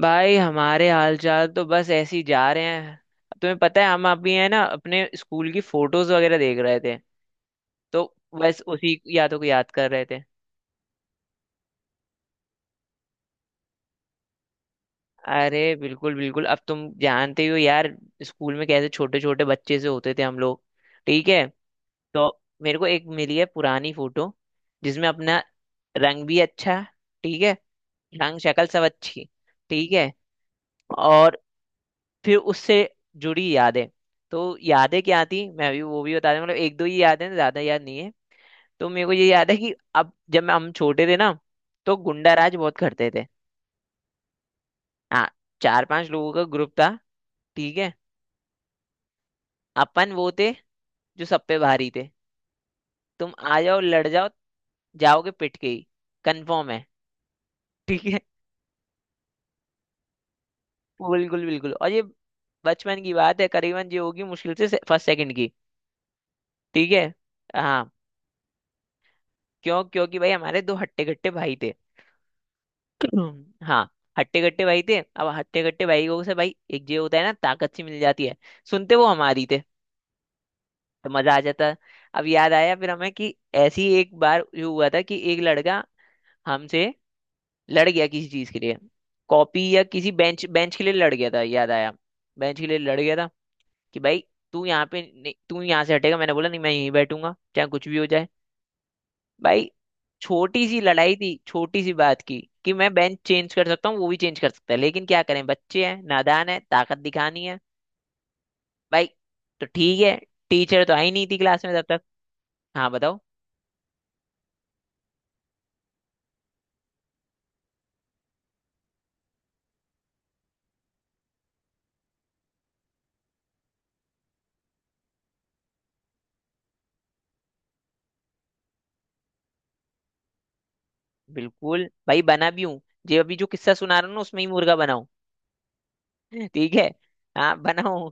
भाई हमारे हालचाल तो बस ऐसे ही जा रहे हैं। तुम्हें पता है, हम अभी है ना अपने स्कूल की फोटोज वगैरह देख रहे थे। तो बस उसी यादों को याद कर रहे थे। अरे बिल्कुल बिल्कुल, अब तुम जानते ही हो यार, स्कूल में कैसे छोटे छोटे बच्चे से होते थे हम लोग। ठीक है। तो मेरे को एक मिली है पुरानी फोटो, जिसमें अपना रंग भी अच्छा है। ठीक है। रंग शक्ल सब अच्छी। ठीक है। और फिर उससे जुड़ी यादें। तो यादें क्या थी, मैं भी वो भी बता दूं, मतलब एक दो ही याद है, ज्यादा याद नहीं है। तो मेरे को ये याद है कि अब जब हम छोटे थे ना, तो गुंडा राज बहुत करते थे। हाँ, चार पांच लोगों का ग्रुप था। ठीक है। अपन वो थे जो सब पे भारी थे। तुम आ जाओ, लड़ जाओ, जाओगे पिट के ही, कंफर्म है। ठीक है। बिल्कुल बिल्कुल। और ये बचपन की बात है, करीबन ये होगी मुश्किल से फर्स्ट सेकंड की। ठीक है। हाँ। क्यों? क्योंकि भाई हमारे दो हट्टे कट्टे भाई थे। हाँ। हट्टे कट्टे भाई थे, अब हट्टे कट्टे भाई को से भाई एक जो होता है ना, ताकत सी मिल जाती है। सुनते वो हमारी थे। तो मजा आ जाता। अब याद आया फिर हमें कि ऐसी एक बार जो हुआ था कि एक लड़का हमसे लड़ गया किसी चीज के लिए। कॉपी या किसी बेंच बेंच के लिए लड़ गया था, याद आया। बेंच के लिए लड़ गया था। कि भाई तू यहाँ से हटेगा, मैंने बोला नहीं, मैं यहीं बैठूंगा चाहे कुछ भी हो जाए। भाई छोटी सी लड़ाई थी, छोटी सी बात की कि मैं बेंच चेंज कर सकता हूँ, वो भी चेंज कर सकता है, लेकिन क्या करें, बच्चे हैं, नादान है, ताकत दिखानी है। भाई तो ठीक है। टीचर तो आई नहीं थी क्लास में तब तक। हाँ बताओ। बिल्कुल भाई, बना भी हूँ। जो अभी जो किस्सा सुना रहा हूँ ना, उसमें ही मुर्गा बनाऊँ। ठीक है। हाँ बनाऊँ।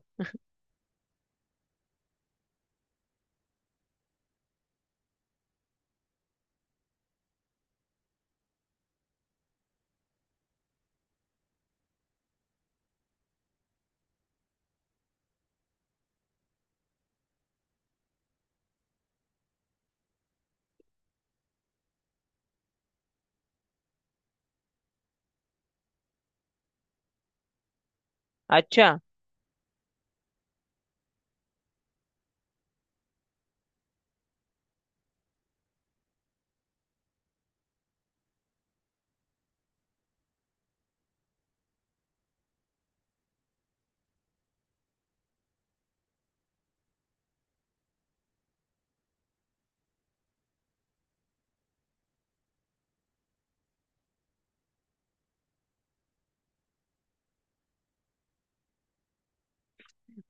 अच्छा।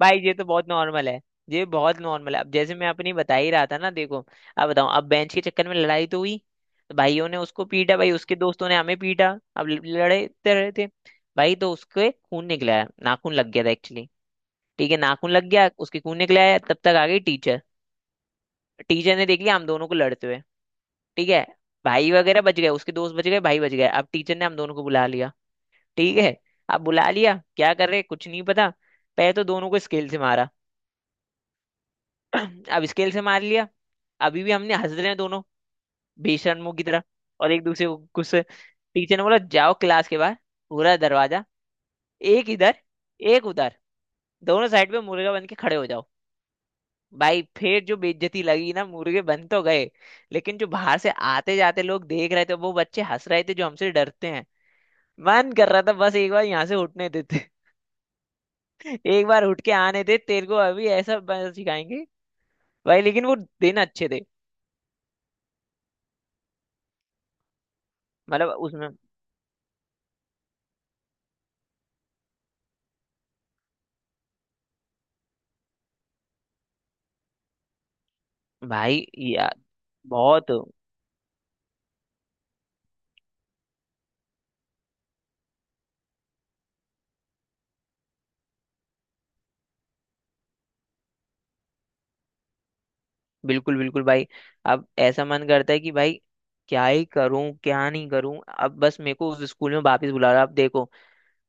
भाई ये तो बहुत नॉर्मल है। ये बहुत नॉर्मल है। अब जैसे मैं अपनी बता ही रहा था ना, देखो। अब बताऊं, अब बेंच के चक्कर में लड़ाई तो हुई, तो भाइयों ने उसको पीटा, भाई उसके दोस्तों ने हमें पीटा। अब लड़ते रहे थे। भाई तो उसके खून निकला है, नाखून लग गया था एक्चुअली। ठीक है, नाखून लग गया, उसके खून निकला है, तब तक आ गई टीचर। टीचर ने देख लिया हम दोनों को लड़ते हुए। ठीक है। भाई वगैरह बच गए, उसके दोस्त बच गए, भाई बच गए, अब टीचर ने हम दोनों को बुला लिया। ठीक है। अब बुला लिया, क्या कर रहे कुछ नहीं पता। पहले तो दोनों को स्केल से मारा। अब स्केल से मार लिया। अभी भी हमने हंस रहे हैं दोनों, बेशर्मों की तरह, और एक दूसरे को गुस्से। टीचर ने बोला जाओ क्लास के बाहर, पूरा दरवाजा, एक इधर, एक उधर, दोनों साइड पे मुर्गा बन के खड़े हो जाओ। भाई फिर जो बेइज्जती लगी ना, मुर्गे बन तो गए, लेकिन जो बाहर से आते जाते लोग देख रहे थे, वो बच्चे हंस रहे थे जो हमसे डरते हैं। मन कर रहा था बस एक बार यहाँ से उठने देते। एक बार उठ के आने दे तेरे को, अभी ऐसा सिखाएंगे। भाई लेकिन वो दिन अच्छे थे। मतलब उसमें, भाई यार बहुत। बिल्कुल बिल्कुल भाई। अब ऐसा मन करता है कि भाई क्या ही करूं, क्या नहीं करूं, अब बस मेरे को उस स्कूल में वापस बुला रहा। अब देखो,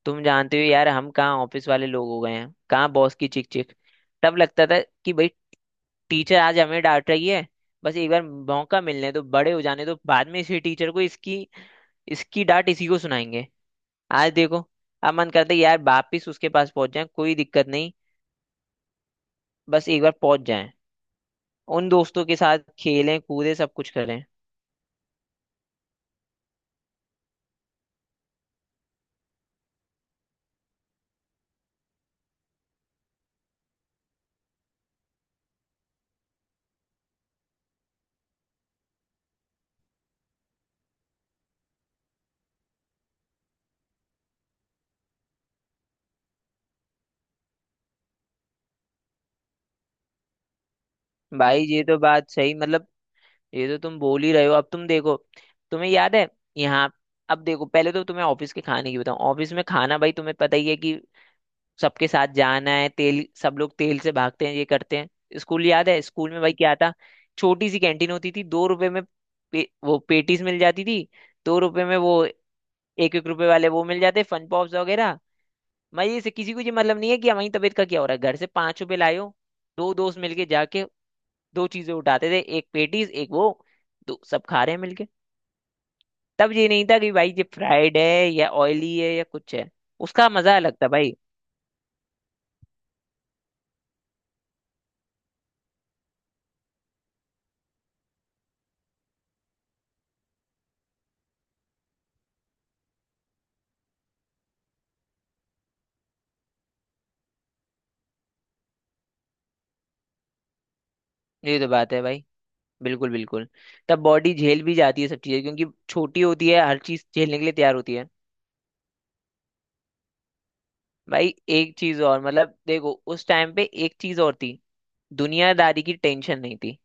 तुम जानते हो यार, हम कहाँ ऑफिस वाले लोग हो गए हैं, कहाँ बॉस की चिक चिक। तब लगता था कि भाई टीचर आज हमें डांट रही है, बस एक बार मौका मिलने दो, बड़े हो जाने दो, बाद में इसी टीचर को इसकी इसकी डांट इसी को सुनाएंगे। आज देखो, अब मन करता है यार वापिस उसके पास पहुंच जाए, कोई दिक्कत नहीं, बस एक बार पहुंच जाए। उन दोस्तों के साथ खेलें, कूदें, सब कुछ करें। भाई ये तो बात सही, मतलब ये तो तुम बोल ही रहे हो। अब तुम देखो, तुम्हें याद है यहाँ, अब देखो, पहले तो तुम्हें ऑफिस के खाने की बताऊं, ऑफिस में खाना, भाई तुम्हें पता ही है कि सबके साथ जाना है, तेल सब लोग तेल से भागते हैं, ये करते हैं। स्कूल याद है, स्कूल में भाई क्या था? छोटी सी कैंटीन होती थी, दो रुपए में वो पेटीज मिल जाती थी। दो रुपए में वो एक एक रुपए वाले वो मिल जाते, फन पॉप्स वगैरह। मजे से, किसी को ये मतलब नहीं है कि हमारी तबीयत का क्या हो रहा है, घर से पांच रुपए लाए हो, दो दोस्त मिलके जाके दो चीजें उठाते थे, एक पेटीज एक वो, तो सब खा रहे हैं मिलके। तब ये नहीं था कि भाई ये फ्राइड है या ऑयली है या कुछ है। उसका मजा अलग था भाई। ये तो बात है भाई, बिल्कुल बिल्कुल। तब बॉडी झेल भी जाती है सब चीजें, क्योंकि छोटी होती है, हर चीज झेलने के लिए तैयार होती है। भाई एक चीज और, मतलब देखो उस टाइम पे एक चीज और थी, दुनियादारी की टेंशन नहीं थी।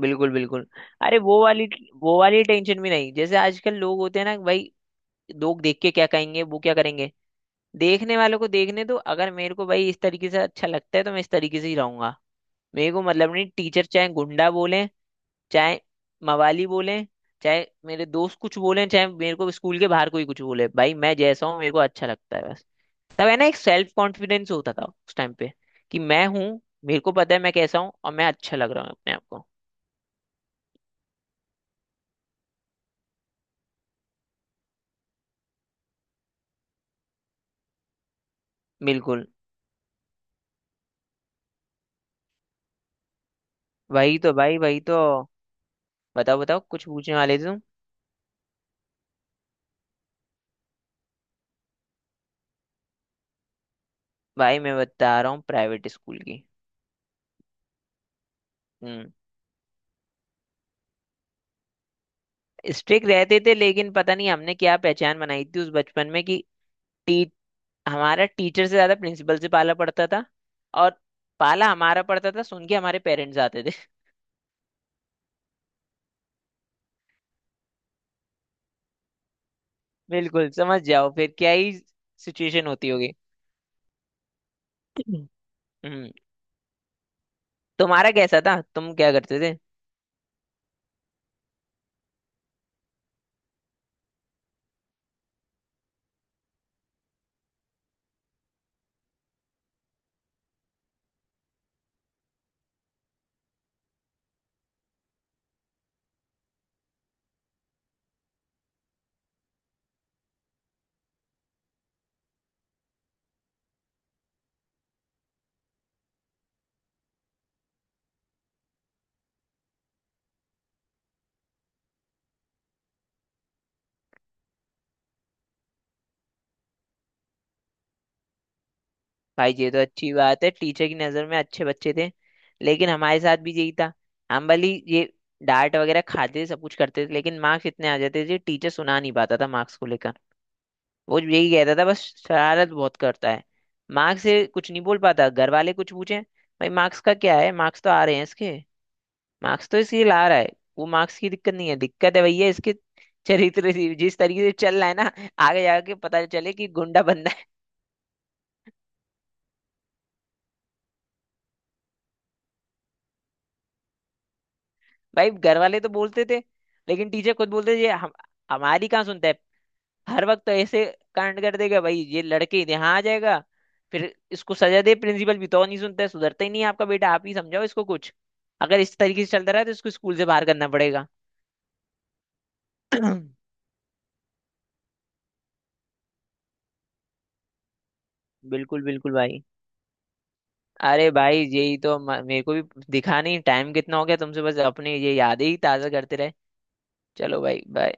बिल्कुल बिल्कुल। अरे वो वाली टेंशन भी नहीं, जैसे आजकल लोग होते हैं ना भाई, लोग देख के क्या कहेंगे, वो क्या करेंगे। देखने वालों को देखने दो, अगर मेरे को भाई इस तरीके से अच्छा लगता है, तो मैं इस तरीके से ही रहूंगा। मेरे को मतलब नहीं, टीचर चाहे गुंडा बोले, चाहे मवाली बोले, चाहे मेरे दोस्त कुछ बोले, चाहे मेरे को स्कूल के बाहर कोई कुछ बोले, भाई मैं जैसा हूँ, मेरे को अच्छा लगता है बस। तब है ना, एक सेल्फ कॉन्फिडेंस होता था उस टाइम पे, कि मैं हूँ, मेरे को पता है मैं कैसा हूँ, और मैं अच्छा लग रहा हूँ अपने आप को। बिल्कुल, वही तो भाई, वही तो। बताओ बताओ, कुछ पूछने वाले थे तुम? भाई मैं बता रहा हूँ प्राइवेट स्कूल की। हम्म। स्ट्रिक्ट रहते थे, लेकिन पता नहीं हमने क्या पहचान बनाई थी उस बचपन में कि टी, हमारा टीचर से ज्यादा प्रिंसिपल से पाला पड़ता था। और पाला हमारा पड़ता था, सुन के हमारे पेरेंट्स आते थे। बिल्कुल समझ जाओ, फिर क्या ही सिचुएशन होती होगी। हम्म। तुम्हारा कैसा था, तुम क्या करते थे? भाई ये तो अच्छी बात है, टीचर की नजर में अच्छे बच्चे थे। लेकिन हमारे साथ भी यही था, हम भली ये डांट वगैरह खाते थे, सब कुछ करते थे, लेकिन मार्क्स इतने आ जाते थे टीचर सुना नहीं पाता था मार्क्स को लेकर। वो यही कहता था बस, शरारत बहुत करता है, मार्क्स से कुछ नहीं बोल पाता। घर वाले कुछ पूछे, भाई मार्क्स का क्या है, मार्क्स तो आ रहे हैं इसके, मार्क्स तो इसलिए ला रहा है, वो मार्क्स की दिक्कत नहीं है, दिक्कत है भैया इसके चरित्र से, जिस तरीके से चल रहा है ना, आगे जाके पता चले कि गुंडा बंदा है। भाई घर वाले तो बोलते थे, लेकिन टीचर खुद बोलते थे ये, हम हमारी कहाँ सुनता है, हर वक्त तो ऐसे कांड कर देगा भाई, ये लड़के यहाँ आ जाएगा, फिर इसको सजा दे, प्रिंसिपल भी तो नहीं सुनता है, सुधरता ही नहीं है आपका बेटा, आप ही समझाओ इसको कुछ, अगर इस तरीके से चलता रहा तो इसको स्कूल से बाहर करना पड़ेगा। बिल्कुल बिल्कुल भाई। अरे भाई, यही तो मेरे को भी दिखा नहीं टाइम कितना हो गया तुमसे, बस अपने ये यादें ही ताजा करते रहे। चलो भाई, बाय।